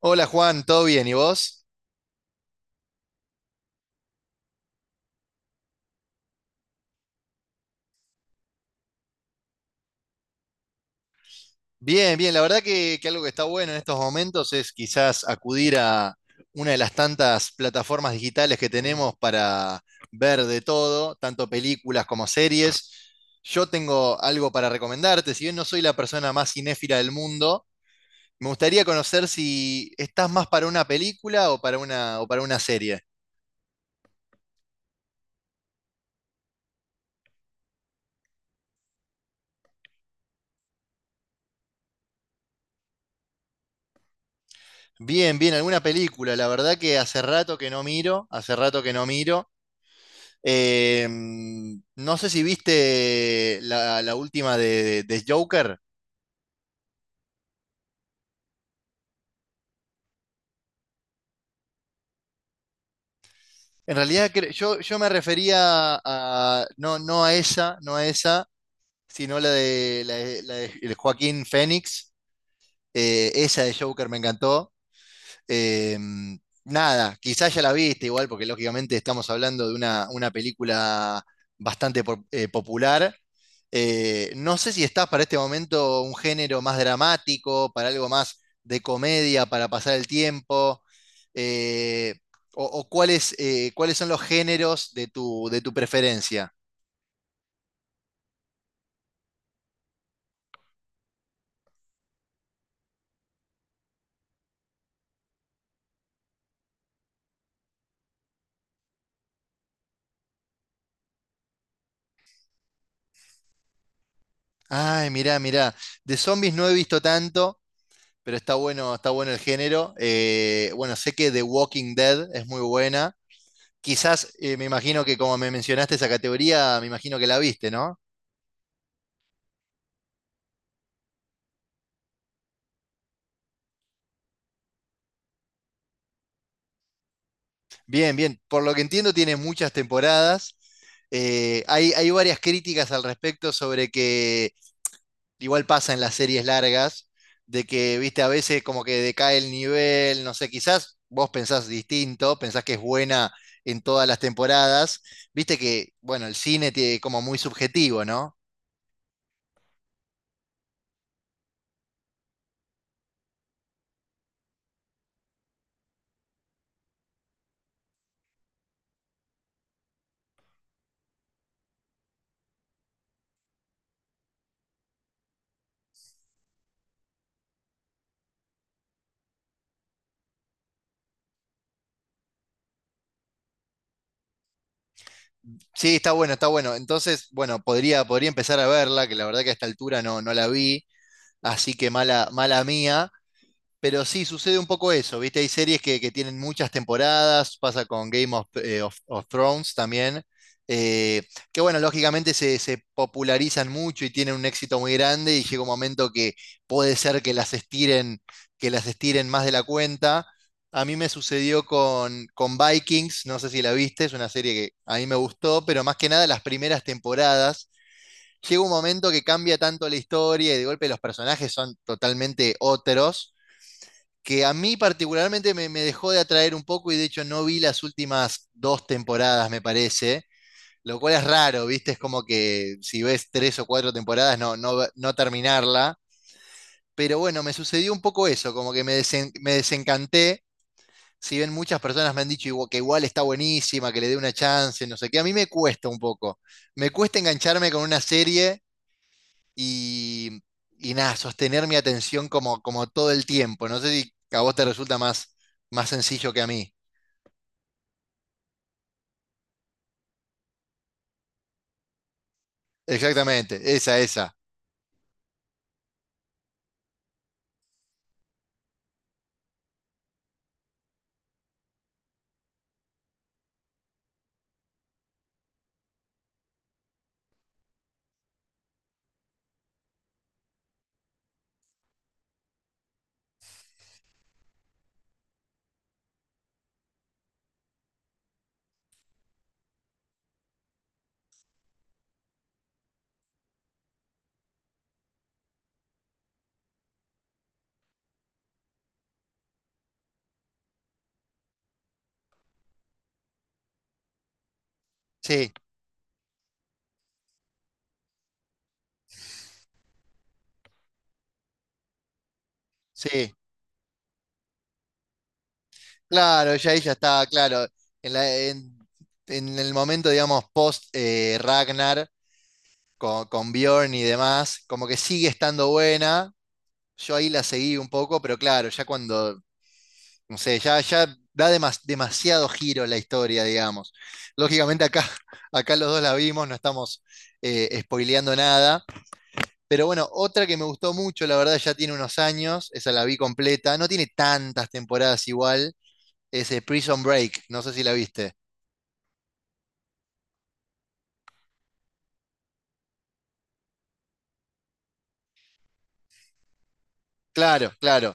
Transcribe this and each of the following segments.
Hola Juan, ¿todo bien? ¿Y vos? Bien, bien. La verdad que algo que está bueno en estos momentos es quizás acudir a una de las tantas plataformas digitales que tenemos para ver de todo, tanto películas como series. Yo tengo algo para recomendarte, si bien no soy la persona más cinéfila del mundo, me gustaría conocer si estás más para una película o para una serie. Bien, bien, alguna película. La verdad que hace rato que no miro, hace rato que no miro. Eh, no sé si viste la última de Joker. En realidad yo me refería a, no, no a esa, no a esa, sino la de, la de Joaquín Phoenix. Esa de Joker me encantó. Eh, Nada, quizás ya la viste igual, porque lógicamente estamos hablando de una película bastante popular. No sé si estás para este momento un género más dramático, para algo más de comedia, para pasar el tiempo, eh, o cuáles, cuáles son los géneros de tu preferencia. Ay, mirá, mirá, de zombies no he visto tanto, pero está bueno el género. Bueno, sé que The Walking Dead es muy buena. Quizás me imagino que como me mencionaste esa categoría, me imagino que la viste, ¿no? Bien, bien. Por lo que entiendo, tiene muchas temporadas. Hay, hay varias críticas al respecto sobre que igual pasa en las series largas, de que, viste, a veces como que decae el nivel, no sé, quizás vos pensás distinto, pensás que es buena en todas las temporadas, viste que, bueno, el cine tiene como muy subjetivo, ¿no? Sí, está bueno, está bueno. Entonces, bueno, podría, podría empezar a verla, que la verdad que a esta altura no, no la vi. Así que mala, mala mía. Pero sí, sucede un poco eso, ¿viste? Hay series que tienen muchas temporadas, pasa con Game of, of Thrones también, eh, que bueno, lógicamente se, se popularizan mucho y tienen un éxito muy grande y llega un momento que puede ser que las estiren más de la cuenta. A mí me sucedió con Vikings, no sé si la viste, es una serie que a mí me gustó, pero más que nada las primeras temporadas llega un momento que cambia tanto la historia y de golpe los personajes son totalmente otros, que a mí particularmente me, me dejó de atraer un poco y de hecho no vi las últimas dos temporadas, me parece, lo cual es raro, ¿viste? Es como que si ves tres o cuatro temporadas no, no, no terminarla. Pero bueno, me sucedió un poco eso, como que me desencanté. Si bien muchas personas me han dicho que igual está buenísima, que le dé una chance, no sé qué, a mí me cuesta un poco. Me cuesta engancharme con una serie y, y nada, sostener mi atención como, como todo el tiempo. No sé si a vos te resulta más, más sencillo que a mí. Exactamente, esa, esa. Sí, sí. Claro, ya ahí ya está, claro. En la- en, en el momento, digamos, post Ragnar con Bjorn y demás, como que sigue estando buena. Yo ahí la seguí un poco, pero claro, ya cuando no sé, ya, ya da demasiado giro la historia, digamos. Lógicamente acá, acá los dos la vimos, no estamos spoileando nada. Pero bueno, otra que me gustó mucho, la verdad ya tiene unos años, esa la vi completa, no tiene tantas temporadas igual, es Prison Break, no sé si la viste. Claro, claro.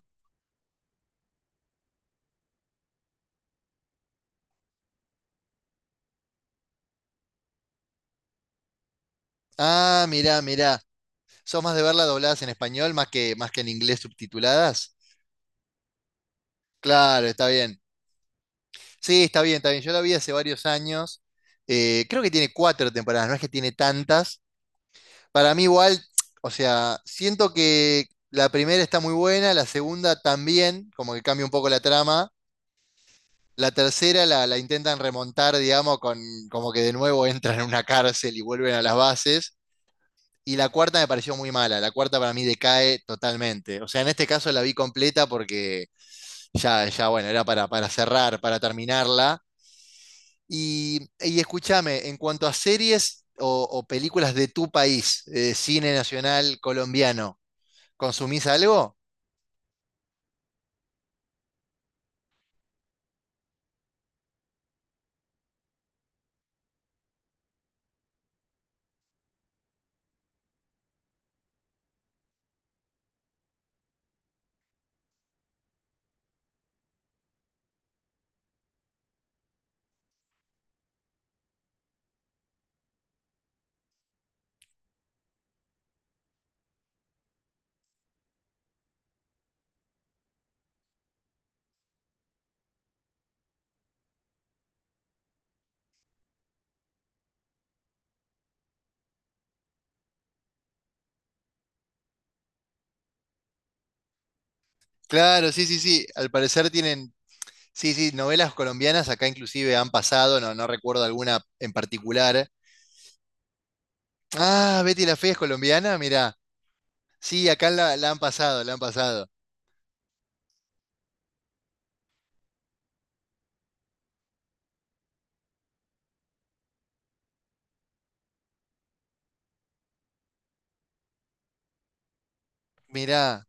Ah, mirá, mirá. ¿Sos más de verla dobladas en español más que en inglés subtituladas? Claro, está bien. Sí, está bien, está bien. Yo la vi hace varios años. Creo que tiene cuatro temporadas, no es que tiene tantas. Para mí igual, o sea, siento que la primera está muy buena, la segunda también, como que cambia un poco la trama. La tercera la intentan remontar, digamos, con como que de nuevo entran en una cárcel y vuelven a las bases. Y la cuarta me pareció muy mala, la cuarta para mí decae totalmente. O sea, en este caso la vi completa porque ya, ya bueno, era para cerrar, para terminarla. Y escúchame, en cuanto a series o películas de tu país, cine nacional colombiano, ¿consumís algo? Claro, sí, sí, sí. Al parecer tienen, sí, sí, novelas colombianas acá inclusive han pasado, no, no recuerdo alguna en particular. Ah, Betty la Fea es colombiana, mirá. Sí, acá la han pasado, la han pasado. Mirá,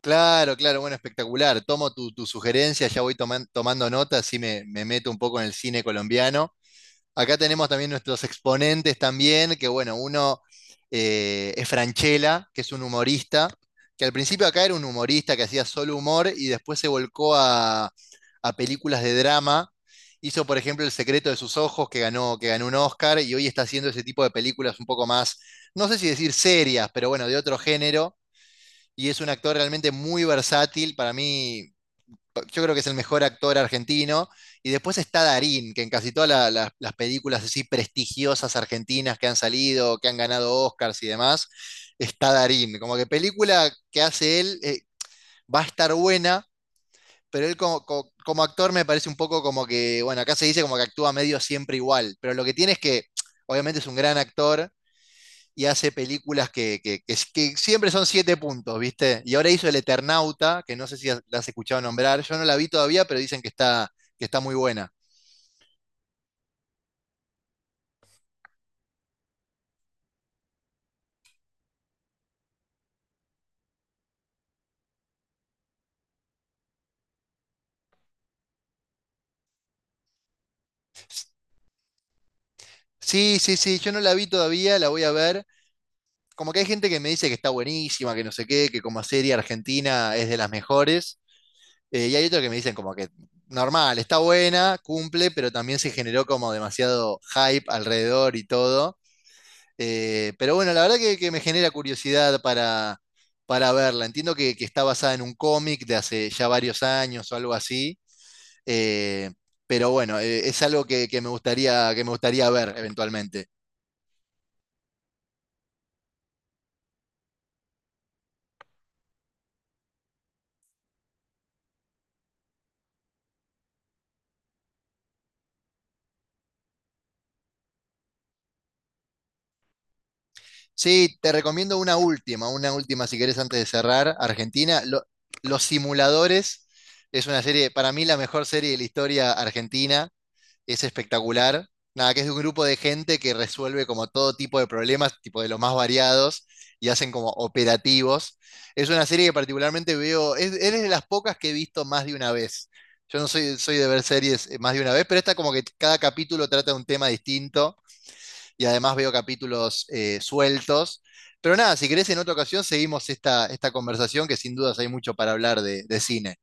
claro, claro, bueno, espectacular. Tomo tu, tu sugerencia, ya voy tomando nota, así me, me meto un poco en el cine colombiano. Acá tenemos también nuestros exponentes también, que bueno, uno es Franchella, que es un humorista, que al principio acá era un humorista que hacía solo humor y después se volcó a películas de drama. Hizo, por ejemplo, El secreto de sus ojos, que ganó un Oscar, y hoy está haciendo ese tipo de películas un poco más, no sé si decir serias, pero bueno, de otro género. Y es un actor realmente muy versátil. Para mí, yo creo que es el mejor actor argentino. Y después está Darín, que en casi todas las películas así prestigiosas argentinas que han salido, que han ganado Oscars y demás, está Darín. Como que película que hace él va a estar buena, pero él como, como actor me parece un poco como que, bueno, acá se dice como que actúa medio siempre igual, pero lo que tiene es que obviamente es un gran actor y hace películas que, que siempre son siete puntos, ¿viste? Y ahora hizo El Eternauta, que no sé si la has escuchado nombrar, yo no la vi todavía, pero dicen que está muy buena. Sí, sí, sí, yo no la vi todavía, la voy a ver. Como que hay gente que me dice que está buenísima, que no sé qué, que como serie argentina es de las mejores, y hay otros que me dicen como que normal, está buena, cumple, pero también se generó como demasiado hype alrededor y todo. Pero bueno, la verdad que me genera curiosidad para verla. Entiendo que está basada en un cómic de hace ya varios años o algo así. eh, pero bueno, es algo que me gustaría ver eventualmente. Sí, te recomiendo una última si querés antes de cerrar. Argentina, Los Simuladores es una serie, para mí la mejor serie de la historia argentina. Es espectacular. Nada, que es de un grupo de gente que resuelve como todo tipo de problemas, tipo de los más variados, y hacen como operativos. Es una serie que particularmente veo, es de las pocas que he visto más de una vez. Yo no soy, soy de ver series más de una vez, pero esta como que cada capítulo trata de un tema distinto y además veo capítulos sueltos. Pero nada, si querés en otra ocasión seguimos esta, esta conversación que sin dudas hay mucho para hablar de cine.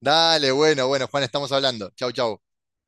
Dale, bueno, bueno, Juan, estamos hablando. Chau, chau.